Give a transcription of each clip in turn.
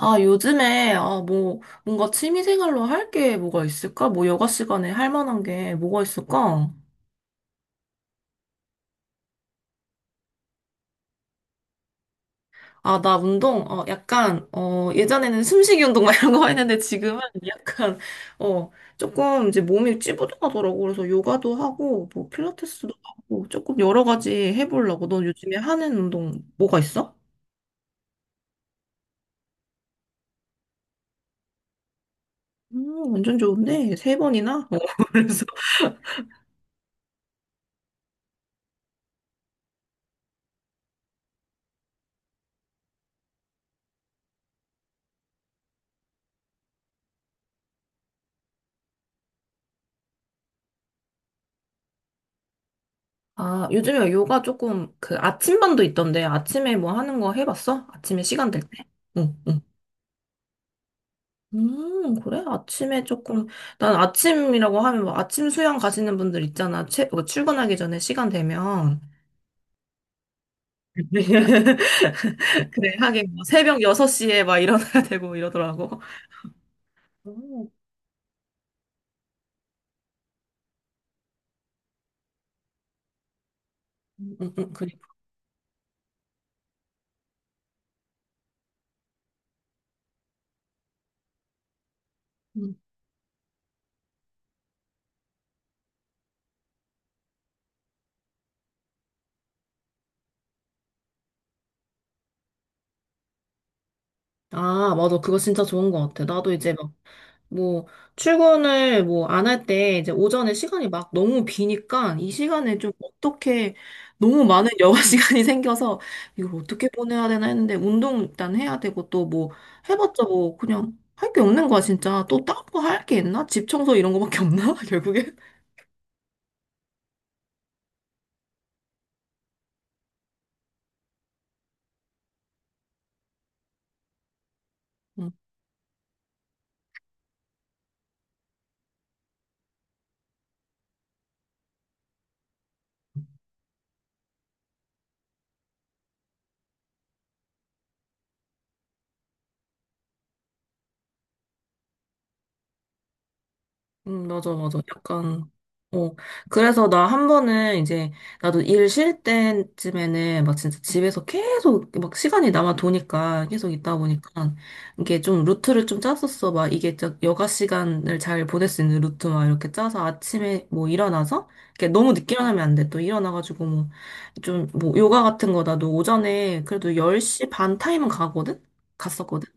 아, 요즘에, 아, 뭐, 뭔가 취미생활로 할 게 뭐가 있을까? 뭐, 여가 시간에 할 만한 게 뭐가 있을까? 아, 나 운동, 어, 약간, 어, 예전에는 숨쉬기 운동 막 이런 거 했는데 지금은 약간, 어, 조금 이제 몸이 찌뿌둥하더라고. 그래서 요가도 하고, 뭐, 필라테스도 하고, 조금 여러 가지 해보려고. 넌 요즘에 하는 운동 뭐가 있어? 완전 좋은데? 세 번이나? 어, 그래서. 아, 요즘에 요가 조금 그 아침반도 있던데 아침에 뭐 하는 거 해봤어? 아침에 시간 될 때? 응, 응. 그래? 아침에 조금, 난 아침이라고 하면 뭐 아침 수영 가시는 분들 있잖아. 뭐 출근하기 전에 시간 되면. 그래, 하긴 뭐 새벽 6시에 막 일어나야 되고 이러더라고. 오, 그래. 음. 아, 맞아. 그거 진짜 좋은 것 같아. 나도 이제 막 뭐, 출근을 뭐 안 할 때 이제 오전에 시간이 막 너무 비니까 이 시간에 좀 어떻게 너무 많은 여가 시간이 생겨서 이걸 어떻게 보내야 되나 했는데 운동 일단 해야 되고 또 뭐 해봤자 뭐 그냥 할 게 없는 거야, 진짜. 또 다른 거 할 게 있나? 집 청소 이런 거밖에 없나? 결국엔. 맞아, 맞아. 약간, 어. 그래서 나 한 번은 이제, 나도 일 쉴 때쯤에는 막 진짜 집에서 계속 막 시간이 남아 도니까, 계속 있다 보니까, 이게 좀 루트를 좀 짰었어. 막 이게 저 여가 시간을 잘 보낼 수 있는 루트 막 이렇게 짜서 아침에 뭐 일어나서, 이렇게 너무 늦게 일어나면 안 돼. 또 일어나가지고 뭐, 좀 뭐 요가 같은 거 나도 오전에 그래도 10시 반 타임은 가거든? 갔었거든?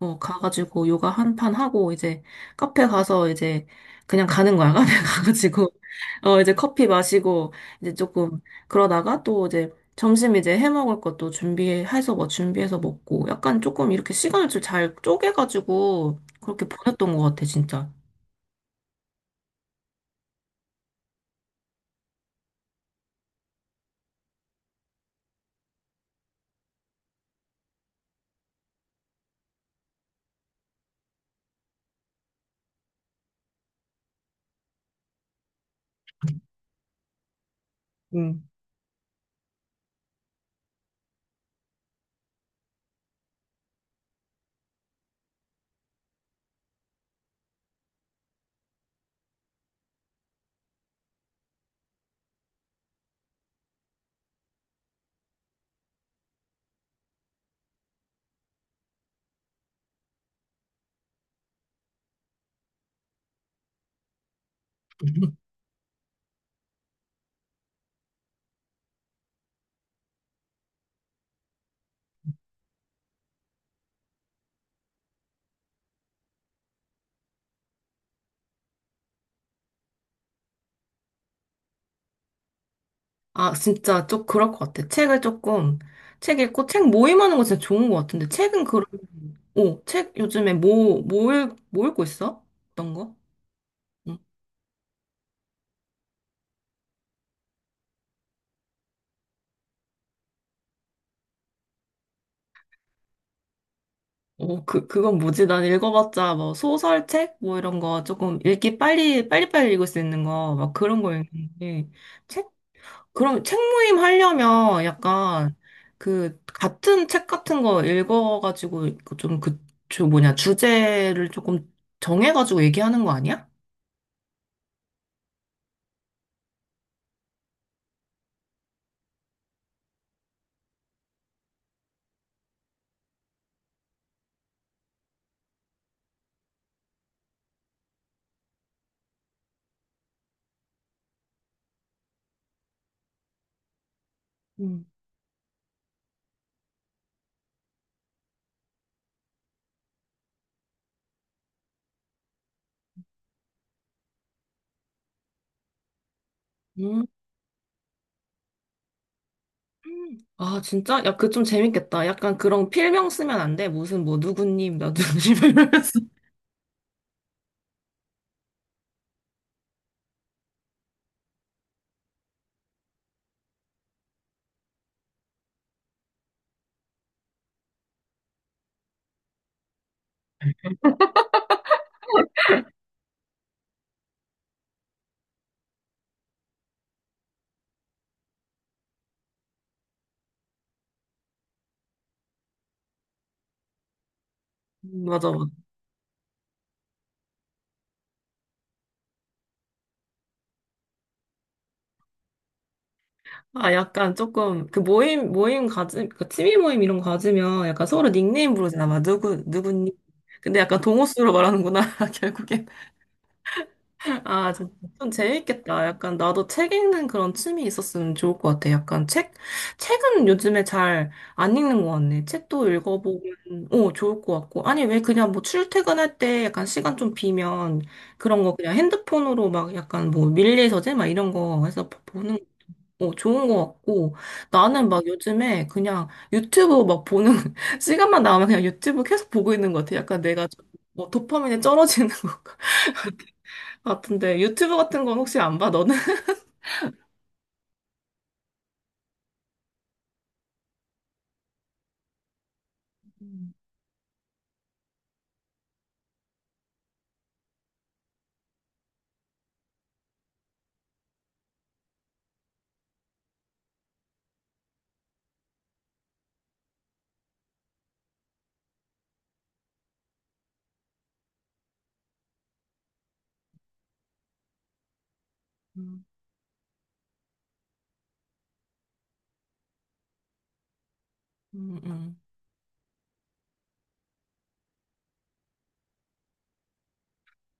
어, 가가지고 요가 한 판 하고 이제 카페 가서 이제 그냥 가는 거야. 카페 가가지고 어, 이제 커피 마시고 이제 조금 그러다가 또 이제 점심 이제 해 먹을 것도 준비해서 뭐 준비해서 먹고 약간 조금 이렇게 시간을 좀 잘 쪼개가지고 그렇게 보냈던 것 같아, 진짜. 음. 아, 진짜 좀 그럴 것 같아. 책을 조금, 책 읽고, 책 모임하는 거 진짜 좋은 것 같은데. 책은 그럼, 오, 책 요즘에 뭐, 뭐, 뭐 읽고 있어? 어떤 거? 어, 그, 그건 뭐지? 난 읽어봤자, 뭐, 소설책? 뭐, 이런 거, 조금, 읽기 빨리, 빨리빨리 읽을 수 있는 거, 막 그런 거 읽는데, 책? 그럼 책 모임 하려면 약간, 그, 같은 책 같은 거 읽어가지고, 그 좀 그, 저 뭐냐, 주제를 조금 정해가지고 얘기하는 거 아니야? 음. 음. 아, 진짜? 야, 그 좀 재밌겠다. 약간 그런 필명 쓰면 안 돼. 무슨, 뭐, 누구님, 나 누구님 이러면서. 맞아, 맞아. 아, 약간 조금, 그 취미 모임 이런 거 가지면 약간 서로 닉네임 부르잖아. 막 누구니? 근데 약간 동호수로 말하는구나, 결국엔. 아, 진짜 좀 재밌겠다. 약간 나도 책 읽는 그런 취미 있었으면 좋을 것 같아. 약간 책, 책은 요즘에 잘 안 읽는 것 같네. 책도 읽어보면, 오, 좋을 것 같고. 아니, 왜 그냥 뭐 출퇴근할 때 약간 시간 좀 비면 그런 거 그냥 핸드폰으로 막 약간 뭐 밀리서재 막 이런 거 해서 보는 어, 좋은 것 같고, 나는 막 요즘에 그냥 유튜브 막 보는, 시간만 나오면 그냥 유튜브 계속 보고 있는 것 같아. 약간 내가 좀, 뭐, 도파민이 쩔어지는 것 같은데, 유튜브 같은 건 혹시 안 봐, 너는? 음, 음, 음,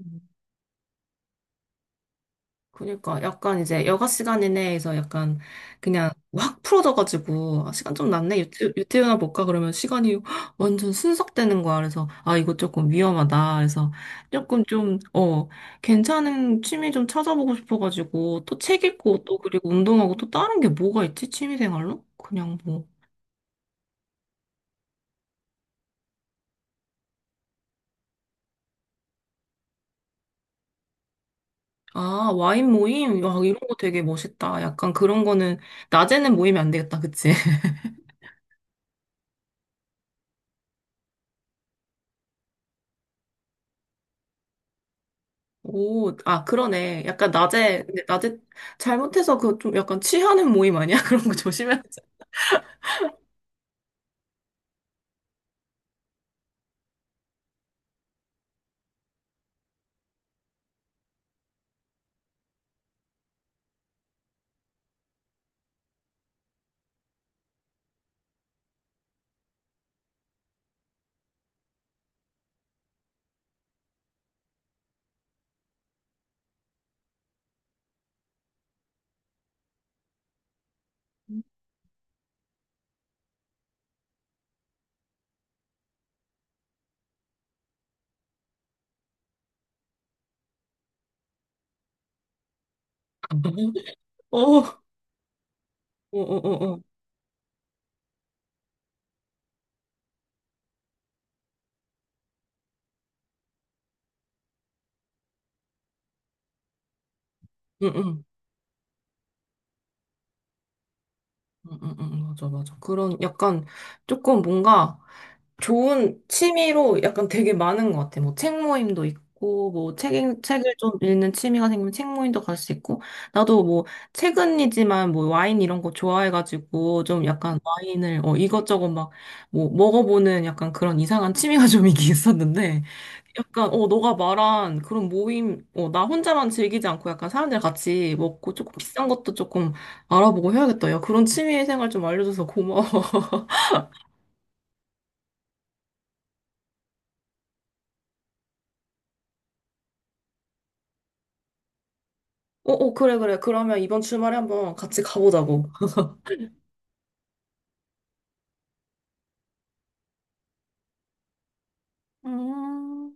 음. 그러니까 약간 이제 여가 시간 이내에서 약간 그냥 확 풀어져가지고 아, 시간 좀 났네 유튜브나 볼까 그러면 시간이 헉, 완전 순삭되는 거야. 그래서 아 이거 조금 위험하다. 그래서 조금 좀 어 괜찮은 취미 좀 찾아보고 싶어가지고 또 책 읽고 또 그리고 운동하고 또 다른 게 뭐가 있지? 취미 생활로 그냥 뭐 아 와인 모임 와 이런 거 되게 멋있다. 약간 그런 거는 낮에는 모이면 안 되겠다, 그치? 오, 아, 그러네. 약간 낮에, 근데 낮에 잘못해서 그 좀 약간 취하는 모임 아니야? 그런 거 조심해야 되지 않아? 어, 어, 어, 어, 어. 응, 응. 응, 응, 응, 맞아, 맞아. 그런 약간 조금 뭔가 좋은 취미로 약간 되게 많은 것 같아. 뭐 책 모임도 있고, 뭐 책, 책을 좀 읽는 취미가 생기면 책 모임도 갈 수 있고, 나도 뭐 최근이지만 뭐 와인 이런 거 좋아해가지고 좀 약간 와인을 어, 이것저것 막 뭐 먹어보는 약간 그런 이상한 취미가 좀 있긴 있었는데, 약간 어 너가 말한 그런 모임, 어 나 혼자만 즐기지 않고 약간 사람들 같이 먹고 조금 비싼 것도 조금 알아보고 해야겠다. 야 그런 취미 생활 좀 알려줘서 고마워. 어, 어, 그래, 그래. 그러면 이번 주말에 한번 같이 가보자고. 음.